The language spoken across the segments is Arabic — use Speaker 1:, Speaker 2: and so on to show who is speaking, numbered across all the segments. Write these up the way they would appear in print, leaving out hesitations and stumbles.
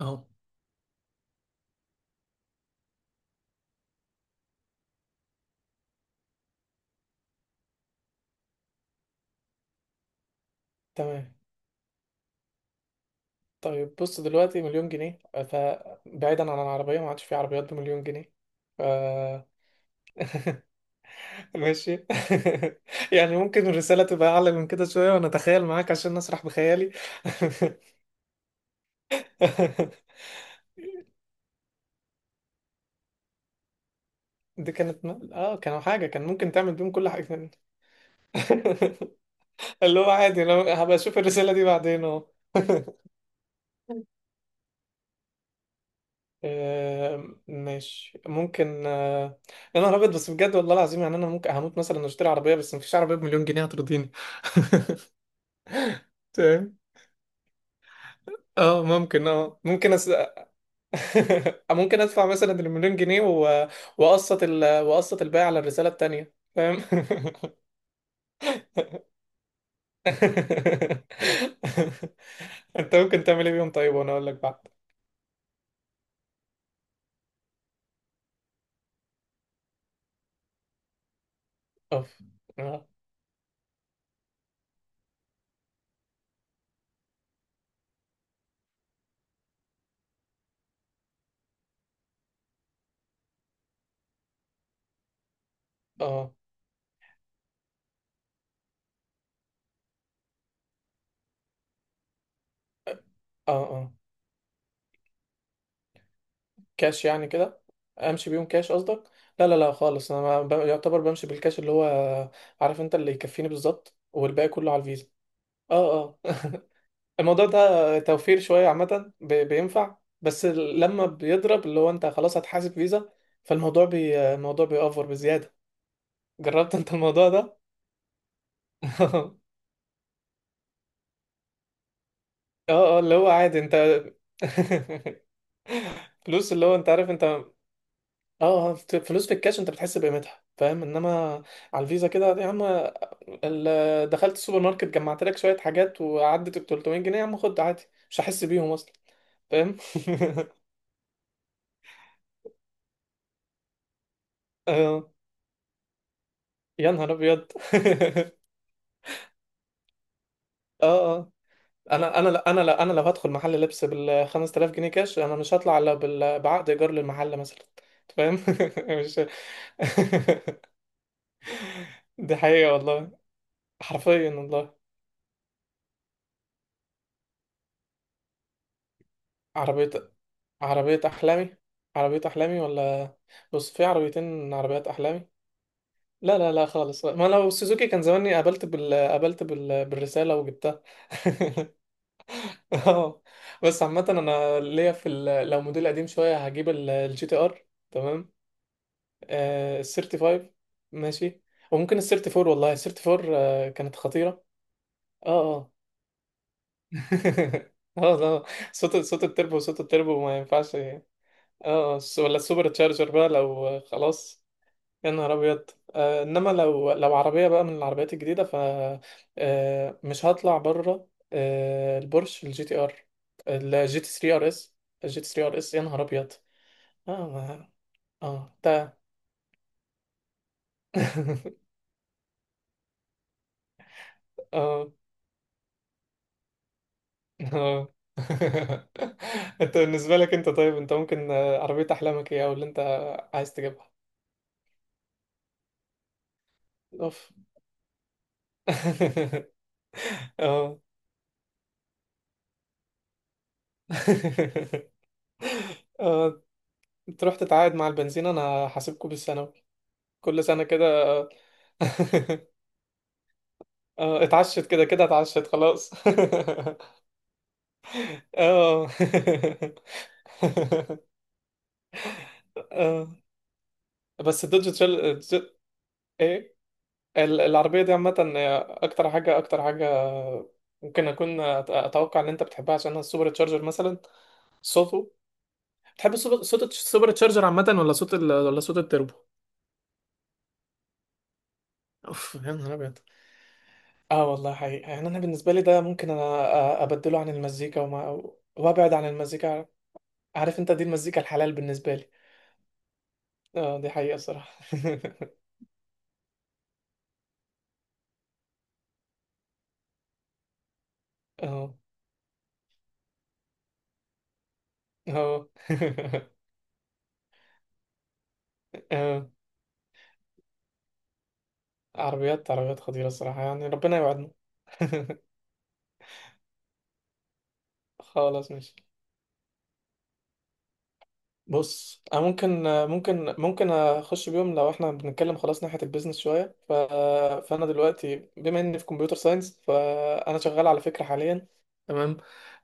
Speaker 1: اه، تمام. طيب بص دلوقتي مليون جنيه، فبعيدا عن العربية ما عادش في عربيات بمليون جنيه. ف... ماشي. يعني ممكن الرسالة تبقى أعلى من كده شوية وأنا أتخيل معاك عشان أسرح بخيالي. دي كانت آه، كانوا حاجة كان ممكن تعمل بيهم كل حاجة. اللي هو عادي، لو هبقى أشوف الرسالة دي بعدين أهو. آه، ماشي، ممكن آه. يا نهار أبيض، بس بجد والله العظيم يعني أنا ممكن هموت مثلا أشتري عربية، بس مفيش عربية بمليون جنيه هترضيني. تمام. اه ممكن، اه ممكن ممكن ادفع مثلا المليون جنيه واقسط واقسط الباقي على الرساله التانيه، فاهم. انت ممكن تعمل ايه بيهم؟ طيب وانا اقول لك بعد. اوف. اه اه اه كاش يعني كده؟ امشي بيهم كاش قصدك؟ لا لا لا خالص، انا ما... ب... يعتبر بمشي بالكاش اللي هو عارف انت اللي يكفيني بالظبط، والباقي كله على الفيزا. اه الموضوع ده توفير شوية عامة بينفع، بس لما بيضرب اللي هو انت خلاص هتحاسب فيزا، فالموزوع بي الموضوع بيأفور بزيادة. جربت انت الموضوع ده؟ اه اللي هو عادي انت. فلوس اللي هو انت عارف انت، اه. آه، فلوس في الكاش انت بتحس بقيمتها، فاهم، انما على الفيزا كده يا عم. دخلت السوبر ماركت، جمعت لك شوية حاجات، وعدت ب 300 جنيه، يا عم خد عادي، مش هحس بيهم اصلا، فاهم؟ اه. يا نهار ابيض. اه انا لا، انا لو هدخل محل لبس بال 5000 جنيه كاش، انا مش هطلع الا بعقد ايجار للمحل مثلا. أنت فاهم؟ مش دي حقيقة والله، حرفيا والله. عربية عربية أحلامي. عربية أحلامي، ولا بص في عربيتين عربيات أحلامي. لا لا لا خالص، ما لو سوزوكي كان زماني بالرسالة وجبتها. اه. بس عامة أنا ليا في لو موديل قديم شوية هجيب الجي تي ار، تمام. آه، ال 35. ماشي، وممكن ال 34، والله ال 34 آه، كانت خطيرة. اه اه اه لا، صوت التربو، صوت التربو ما ينفعش اه. آه، ولا السوبر تشارجر بقى، لو آه، خلاص. يا نهار ابيض. آه، انما لو عربية بقى من العربيات الجديدة، ف آه، مش هطلع بره. آه، البورش الجي تي ار، الجي تي 3 ار اس، الجي تي 3 ار اس، يا نهار ابيض. اه اه ده. اه. انت بالنسبة لك انت، طيب انت ممكن آه، عربية احلامك ايه او اللي انت عايز تجيبها؟ اوف. اه. اه، تروح تتعاقد مع البنزين، انا هسيبكوا بالثانوي كل سنة كده. اه، اتعشت كده كده، اتعشت خلاص. اه. اه، بس الدوج ايه، العربية دي عامة هي أكتر حاجة، أكتر حاجة ممكن أكون أتوقع إن أنت بتحبها عشانها السوبر تشارجر، مثلا صوته. بتحب صوت السوبر تشارجر عامة، ولا صوت ولا صوت التربو؟ أوف، يا نهار أبيض. آه والله حقيقة، يعني أنا بالنسبة لي ده ممكن أنا أبدله عن المزيكا وأبعد عن المزيكا. عارف أنت، دي المزيكا الحلال بالنسبة لي. آه، دي حقيقة الصراحة. آه آه. آه، عربيات، عربيات خطيرة الصراحة، يعني ربنا يوعدنا. خلاص ماشي. بص انا ممكن، ممكن اخش بيهم لو احنا بنتكلم خلاص ناحيه البيزنس شويه فانا دلوقتي بما اني في كمبيوتر ساينس، فانا شغال على فكره حاليا، تمام.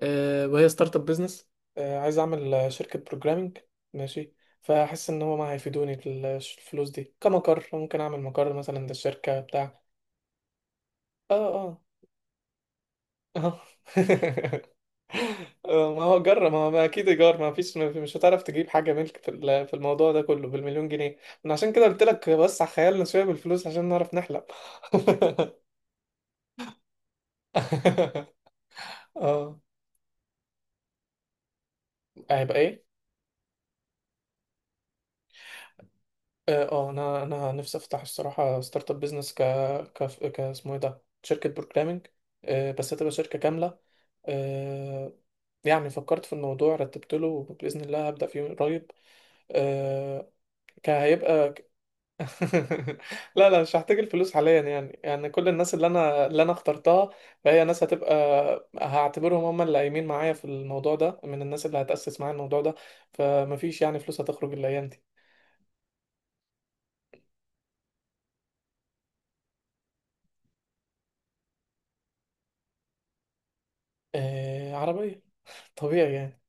Speaker 1: أه، وهي ستارت اب بيزنس، أه عايز اعمل شركه بروجرامنج. ماشي. فاحس ان هو ما هيفيدوني في الفلوس دي كمقر، ممكن اعمل مقر مثلا للشركه بتاع. اه اه اه ما هو جرب، ما هو ما اكيد ايجار ما فيش، مش هتعرف تجيب حاجه ملك في في الموضوع ده كله بالمليون جنيه. من عشان كده قلت لك وسع خيالنا شويه بالفلوس عشان نعرف نحلم. اه. هيبقى ايه؟ اه آه، انا نفسي افتح الصراحه ستارت اب بزنس، ك ك اسمه ايه ده، شركه بروجرامنج. آه، بس هتبقى شركه كامله. آه، يعني فكرت في الموضوع، رتبت له، باذن الله هبدا فيه قريب. آه، هيبقى. لا لا مش هحتاج الفلوس حاليا، يعني كل الناس اللي انا اخترتها، فهي ناس هتبقى، هعتبرهم هم اللي قايمين معايا في الموضوع ده، من الناس اللي هتأسس معايا الموضوع ده. فمفيش يعني فلوس هتخرج الايام دي. آه، عربية، طبيعي يعني.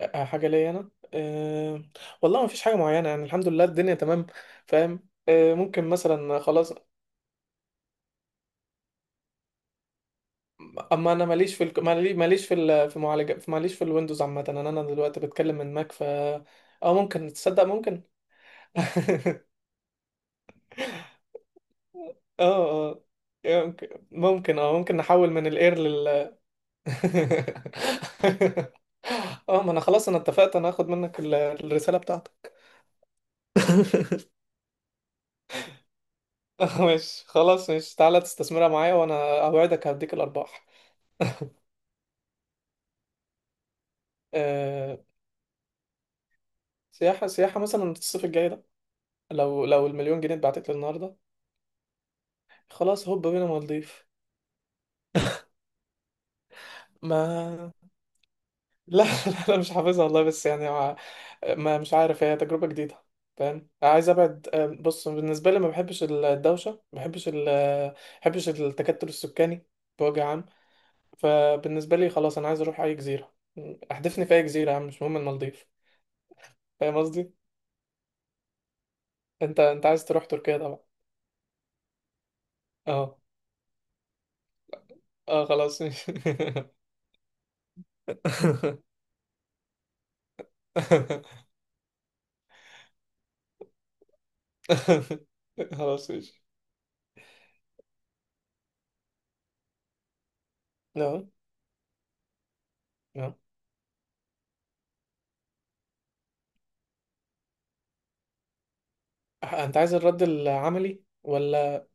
Speaker 1: آه، حاجة ليا انا، آه. والله مفيش حاجة معينة، يعني الحمد لله الدنيا تمام. فاهم. آه، ممكن مثلا خلاص. اما انا ماليش في ماليش في في معالجة، ماليش في الويندوز عامة، انا دلوقتي بتكلم من ماك، ف اه ممكن، تصدق ممكن. اه اه، ممكن، اه ممكن نحول من الاير لل. اه ما انا خلاص، انا اتفقت انا هاخد منك الرسالة بتاعتك. ماشي خلاص، ماشي تعالى تستثمرها معايا، وانا اوعدك هديك الارباح. أه، سياحة، سياحة مثلا الصيف الجاي ده، لو المليون جنيه اتبعتت لي النهارده، خلاص هوب بينا مالديف. ما لا لا لا مش حافظها والله، بس يعني ما, ما مش عارف، هي تجربة جديدة فاهم، عايز ابعد. آه، بص بالنسبة لي ما بحبش الدوشة، ما بحبش ال ما بحبش التكتل السكاني بوجه عام. فبالنسبة لي خلاص انا عايز اروح اي جزيرة، احدفني في اي جزيرة يا عم، مش مهم المالديف، فاهم قصدي. انت عايز تروح تركيا طبعا. اه اه، خلاص ماشي. خلاص ماشي، لا لا. انت عايز الرد العملي، ولا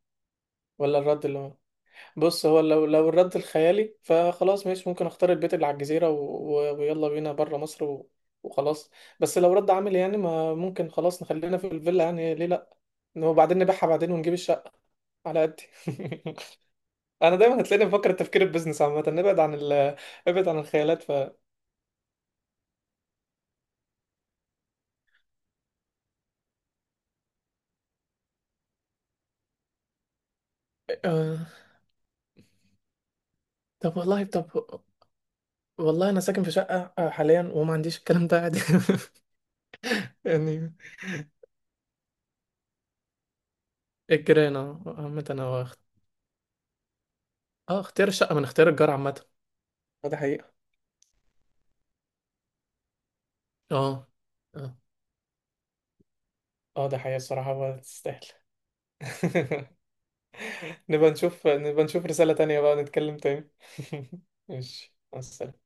Speaker 1: ولا الرد اللي هو، بص هو، لو الرد الخيالي، فخلاص ماشي ممكن اختار البيت اللي على الجزيرة ويلا بينا بره مصر وخلاص. بس لو رد عملي يعني، ما ممكن خلاص نخلينا في الفيلا، يعني ليه لا. وبعدين نبيعها بعدين ونجيب الشقة على قد. انا دايما هتلاقيني بفكر التفكير البيزنس عامة، نبعد عن ابعد عن الخيالات، ف آه، طب والله، طب والله انا ساكن في شقة آه، حاليا وما عنديش الكلام ده عادي. يعني الجيران اه عامة انا، اه اختيار الشقة من اختيار الجار عامة، ده حقيقة. اه اه اه، ده حقيقة الصراحة، هو تستاهل. نبقى نشوف رسالة تانية بقى نتكلم تاني. ماشي، مع السلامة.